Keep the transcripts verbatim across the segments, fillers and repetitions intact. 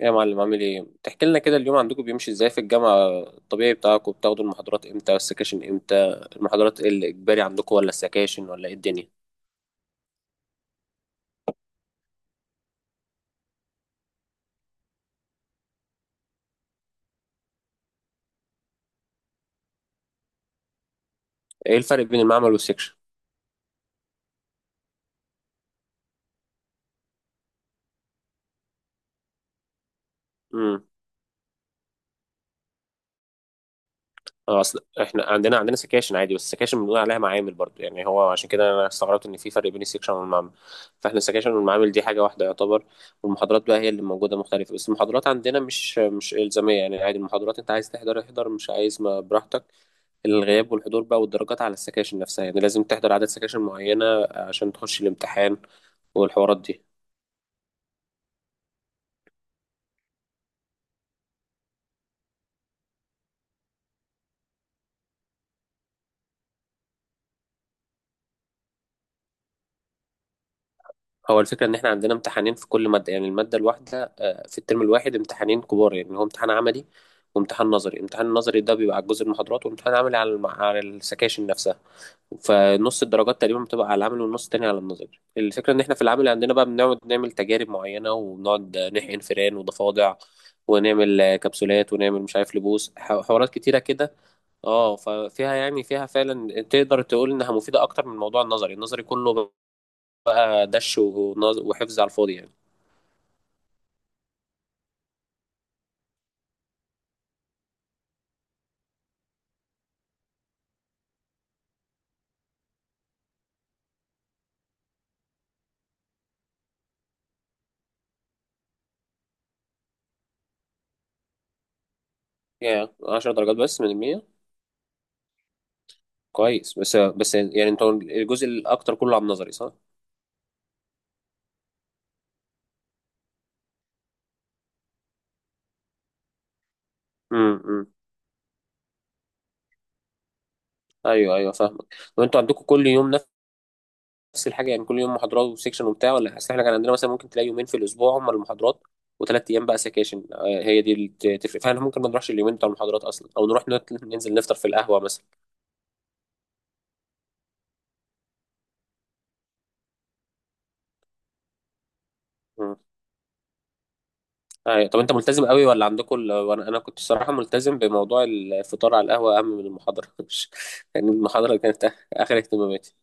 يا معلم، عامل ايه؟ تحكي لنا كده اليوم؟ عندكم بيمشي ازاي في الجامعة؟ الطبيعي بتاعكم، بتاخدوا المحاضرات امتى والسكاشن امتى؟ المحاضرات ايه الاجباري عندكم، ولا السكاشن ولا ايه الدنيا؟ ايه الفرق بين المعمل والسكشن؟ امم. اه، اصل احنا عندنا عندنا سكاشن عادي، بس السكاشن بنقول عليها معامل برضو. يعني هو عشان كده انا استغربت ان في فرق بين السكشن والمعمل. فاحنا السكاشن والمعامل دي حاجة واحدة يعتبر. والمحاضرات بقى هي اللي موجودة مختلفة، بس المحاضرات عندنا مش مش إلزامية. يعني عادي المحاضرات، انت عايز تحضر احضر، مش عايز ما براحتك. الغياب والحضور بقى والدرجات على السكاشن نفسها، يعني لازم تحضر عدد سكاشن معينة عشان تخش الامتحان والحوارات دي. هو الفكرة إن إحنا عندنا امتحانين في كل مادة، يعني المادة الواحدة، آه، في الترم الواحد امتحانين كبار، يعني هو امتحان عملي وامتحان نظري. الامتحان النظري ده بيبقى على جزء المحاضرات، وامتحان عملي على الم- على السكاشن نفسها. فنص الدرجات تقريبا بتبقى على العمل، والنص التاني على النظري. الفكرة إن إحنا في العمل عندنا بقى بنقعد نعمل تجارب معينة، وبنقعد نحقن فئران وضفادع، ونعمل آه، كبسولات، ونعمل مش عارف لبوس، ح- حوارات كتيرة كده. اه، ففيها، يعني فيها فعلا تقدر تقول انها مفيده اكتر من الموضوع النظري. النظري كله بقى دش، ونظ- وحفظ على الفاضي يعني. يعني عشرة درجات بس من المية. كويس، بس بس يعني انتوا الجزء الاكتر كله على النظري، صح؟ امم امم. ايوه ايوه فاهمك. طب انتوا عندكم كل يوم نفس الحاجه؟ يعني كل يوم محاضرات وسكشن وبتاع، ولا؟ اصل احنا كان عندنا مثلا ممكن تلاقي يومين في الاسبوع هم المحاضرات، وثلاث ايام بقى سكاشن. آه، هي دي اللي ت- تفرق. فاحنا ممكن ما نروحش اليومين بتوع المحاضرات اصلا، او نروح نت- ننزل نفطر في القهوه مثلا. أي. طب انت ملتزم قوي ولا عندكم ال...؟ وانا انا كنت الصراحه ملتزم بموضوع الفطار على القهوه، اهم من المحاضره مش. يعني المحاضره كانت اخر اهتماماتي.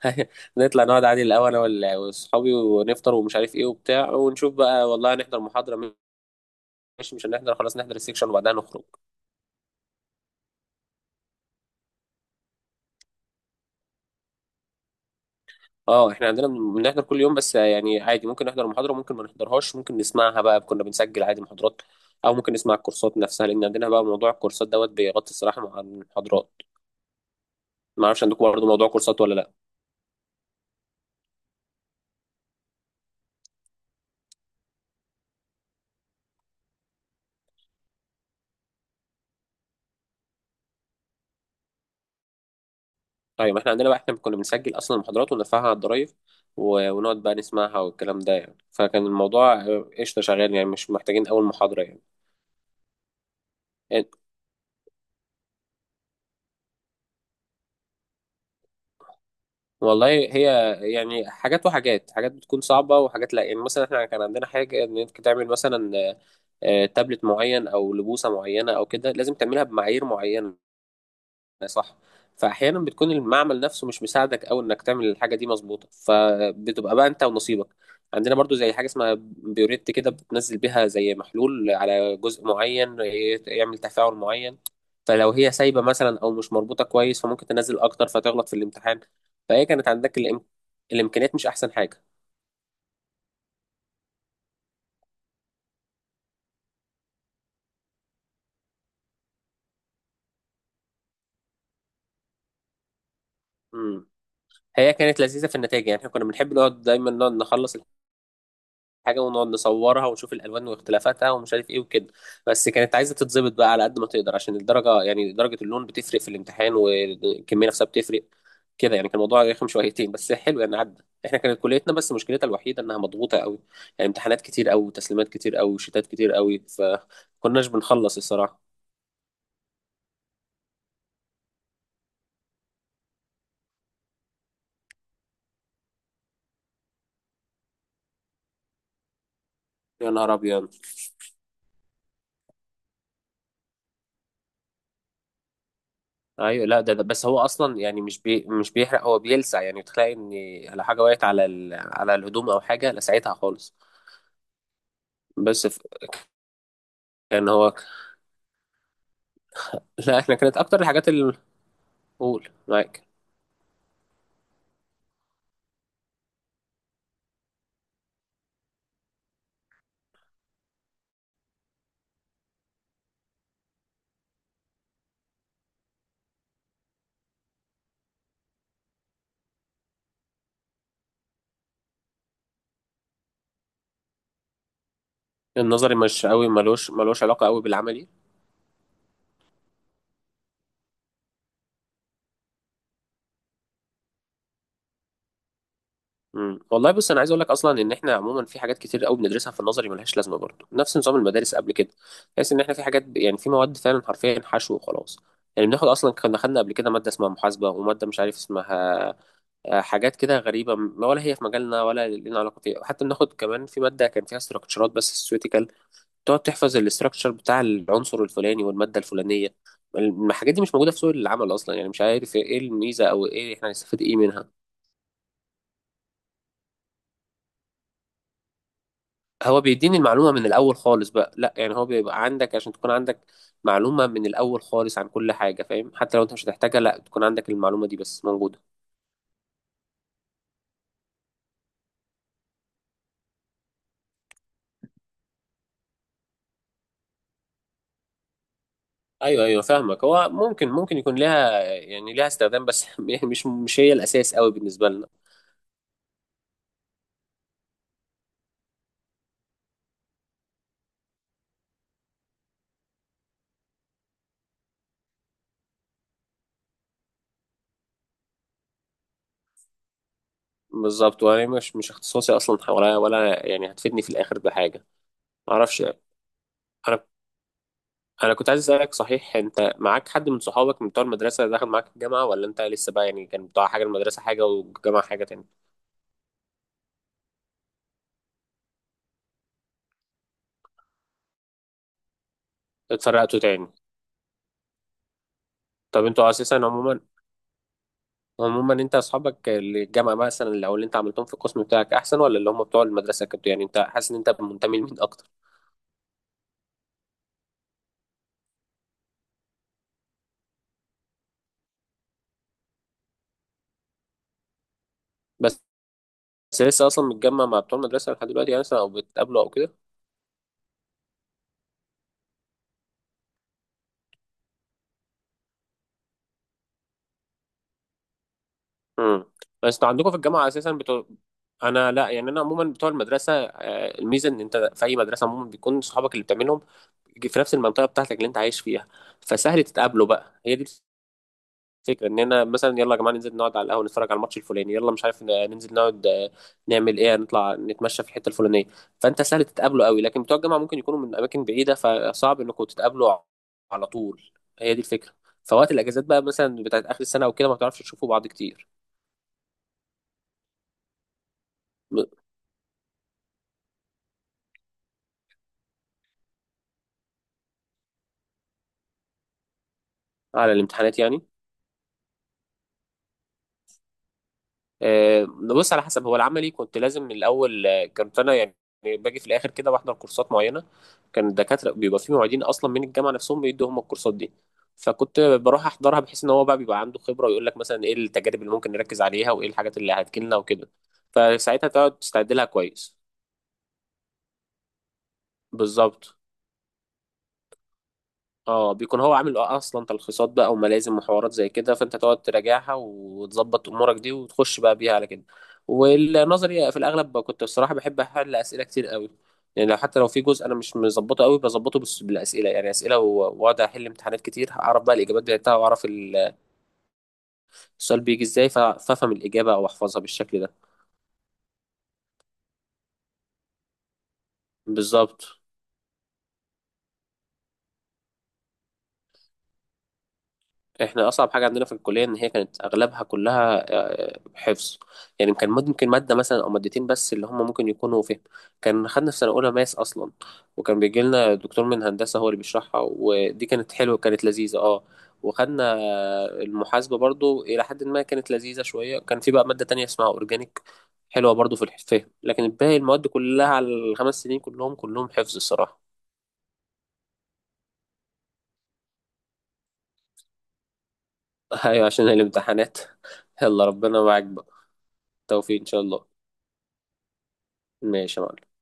نطلع نقعد عادي الاول انا وال- واصحابي، ونفطر ومش عارف ايه وبتاع، ونشوف بقى والله هنحضر محاضره ماشي، مش هنحضر خلاص، نحضر السكشن وبعدها نخرج. اه، احنا عندنا بن- بنحضر كل يوم، بس يعني عادي ممكن نحضر محاضره، ممكن ما نحضرهاش، ممكن نسمعها بقى. كنا بنسجل عادي محاضرات، او ممكن نسمع الكورسات نفسها، لان عندنا بقى موضوع الكورسات دوت بيغطي الصراحه مع المحاضرات. ما اعرفش عندكم برضه موضوع كورسات، ولا؟ ايوه، ما احنا عندنا بقى، احنا كنا بنسجل اصلا المحاضرات ونرفعها على الضرايف، و- ونقعد بقى نسمعها والكلام ده يعني. فكان الموضوع، آه، قشطه، شغال، يعني مش محتاجين اول محاضره يعني يعني. والله، هي يعني حاجات وحاجات. حاجات بتكون صعبه وحاجات لا. يعني مثلا احنا كان عندنا حاجه ان انت تعمل مثلا، آه، آه، تابلت معين او لبوسه معينه او كده، لازم تعملها بمعايير معينه، صح. فاحيانا بتكون المعمل نفسه مش مساعدك، او انك تعمل الحاجه دي مظبوطه، فبتبقى بقى انت ونصيبك. عندنا برضو زي حاجه اسمها بيوريت كده، بتنزل بيها زي محلول على جزء معين ي- يعمل تفاعل معين. فلو هي سايبه مثلا او مش مربوطه كويس، فممكن تنزل اكتر فتغلط في الامتحان. فهي كانت عندك الإم... الامكانيات مش احسن حاجه. امم. هي كانت لذيذه في النتائج. يعني احنا كنا بنحب نقعد، دايما نقعد نخلص حاجه ونقعد نصورها ونشوف الالوان واختلافاتها ومش عارف ايه وكده. بس كانت عايزه تتظبط بقى على قد ما تقدر عشان الدرجه، يعني درجه اللون بتفرق في الامتحان، والكميه نفسها بتفرق كده. يعني كان الموضوع رخم شويتين، بس حلو يعني، عدى. احنا كانت كليتنا بس مشكلتها الوحيده انها مضغوطه قوي، يعني امتحانات كتير قوي، وتسليمات كتير قوي، وشتات كتير قوي. فكناش بنخلص الصراحه. يا نهار ابيض! ايوه، لا، ده, ده بس، هو اصلا يعني مش بي مش بيحرق، هو بيلسع. يعني تلاقي ان لو حاجه وقعت على ال... على الهدوم، او حاجه، لسعتها خالص. بس ف... يعني هو. لا احنا كانت اكتر الحاجات اللي، قول معاك. النظري، مش قوي، ملوش ملوش علاقه قوي بالعملي. امم. والله بص، انا عايز اقول لك اصلا ان احنا عموما في حاجات كتير قوي بندرسها في النظري ملهاش لازمه، برضه نفس نظام المدارس قبل كده. تحس ان احنا في حاجات ب- يعني في مواد، فعلا حرفيا حشو وخلاص. يعني بناخد اصلا، كنا خدنا قبل كده ماده اسمها محاسبه، وماده مش عارف اسمها، آه، حاجات كده غريبه، ما ولا هي في مجالنا ولا لنا علاقه فيها. حتى بناخد كمان في ماده كان فيها استراكشرات بس سويتيكال، تقعد تحفظ الاستراكشر بتاع العنصر الفلاني والمادة الفلانية. الحاجات دي مش موجودة في سوق العمل أصلا، يعني مش عارف إيه الميزة أو إيه، إحنا هنستفيد إيه منها. هو بيديني المعلومة من الأول خالص بقى، لا يعني هو بيبقى عندك عشان تكون عندك معلومة من الأول خالص عن كل حاجة، فاهم، حتى لو أنت مش هتحتاجها، لا تكون عندك المعلومة دي بس موجودة. أيوه أيوه فاهمك. هو ممكن ممكن يكون لها، يعني لها استخدام بس يعني مش مش هي الأساس قوي بالنسبة لنا. بالظبط، وأنا مش مش اختصاصي أصلا، ولا ولا يعني هتفيدني في الآخر بحاجة، معرفش. أنا انا كنت عايز اسالك، صحيح، انت معاك حد من صحابك من بتوع المدرسه دخل معاك الجامعه، ولا انت لسه؟ بقى يعني، كان بتوع حاجه، المدرسه حاجه والجامعه حاجه تاني. اتفرقتوا تاني. طب انتوا اساسا، عموما عموما انت اصحابك اللي الجامعه مثلا، اللي او اللي انت عملتهم في القسم بتاعك احسن، ولا اللي هم بتوع المدرسه؟ كنت يعني، انت حاسس ان انت منتمي لمين اكتر؟ بس لسه اصلا متجمع مع بتوع المدرسه لحد دلوقتي، يعني مثلا، او بتقابله او كده. امم. بس انتوا عندكم في الجامعه اساسا بتو... انا لا، يعني انا عموما بتوع المدرسه، آه، الميزه ان انت في اي مدرسه عموما بيكون صحابك اللي بتعملهم في نفس المنطقه بتاعتك اللي انت عايش فيها. فسهل تتقابلوا بقى. هي دي الفكره، ان انا مثلا يلا يا جماعه ننزل نقعد على القهوه، نتفرج على الماتش الفلاني، يلا مش عارف، ن- ننزل نقعد، آه، نعمل ايه، نطلع نتمشى في الحته الفلانيه. فانت سهل تتقابلوا قوي، لكن بتوع الجامعه ممكن يكونوا من اماكن بعيده، فصعب انكم تتقابلوا على طول. هي دي الفكره. فوقت الاجازات بقى مثلا، بتاعت اخر السنه او كده، ما بتعرفش تشوفوا بعض كتير. على الامتحانات يعني؟ آه، بص على حسب. هو العملي كنت لازم من الاول، آه، كنت انا يعني باجي في الاخر كده بحضر كورسات معينه. كان الدكاتره بيبقى في معيدين اصلا من الجامعه نفسهم بيدوا هم الكورسات دي. فكنت بروح احضرها بحيث ان هو بقى بيبقى عنده خبره ويقول لك مثلا ايه التجارب اللي ممكن نركز عليها وايه الحاجات اللي هتجيلنا وكده. فساعتها تقعد تستعد لها كويس. بالظبط. اه، بيكون هو عامل اصلا تلخيصات بقى وملازم وحوارات زي كده، فانت تقعد تراجعها وتظبط امورك دي وتخش بقى بيها على كده. والنظري في الاغلب كنت بصراحه بحب احل اسئله كتير قوي. يعني لو، حتى لو في جزء انا مش مظبطه قوي، بظبطه بس بالاسئله، يعني اسئله، و- واقعد احل امتحانات كتير، اعرف بقى الاجابات بتاعتها، واعرف ال- السؤال بيجي ازاي، ف- فافهم الاجابه او احفظها بالشكل ده. بالظبط. احنا اصعب حاجه عندنا في الكليه ان هي كانت اغلبها كلها، آه، حفظ. يعني كان ممكن ماده مثلا او مادتين بس اللي هم ممكن يكونوا فهم. كان خدنا في سنه اولى ماس اصلا، وكان بيجي لنا دكتور من هندسه هو اللي بيشرحها، ودي كانت حلوه، كانت لذيذه، اه. وخدنا آه، المحاسبه برضو الى حد ما كانت لذيذه شويه. كان في بقى ماده تانية اسمها اورجانيك، حلوه برضو في الفهم. لكن الباقي المواد كلها على الخمس سنين كلهم كلهم حفظ الصراحه. ايوه، عشان الامتحانات. يلا ربنا معاك بقى، توفيق ان شاء الله. ماشي يا معلم.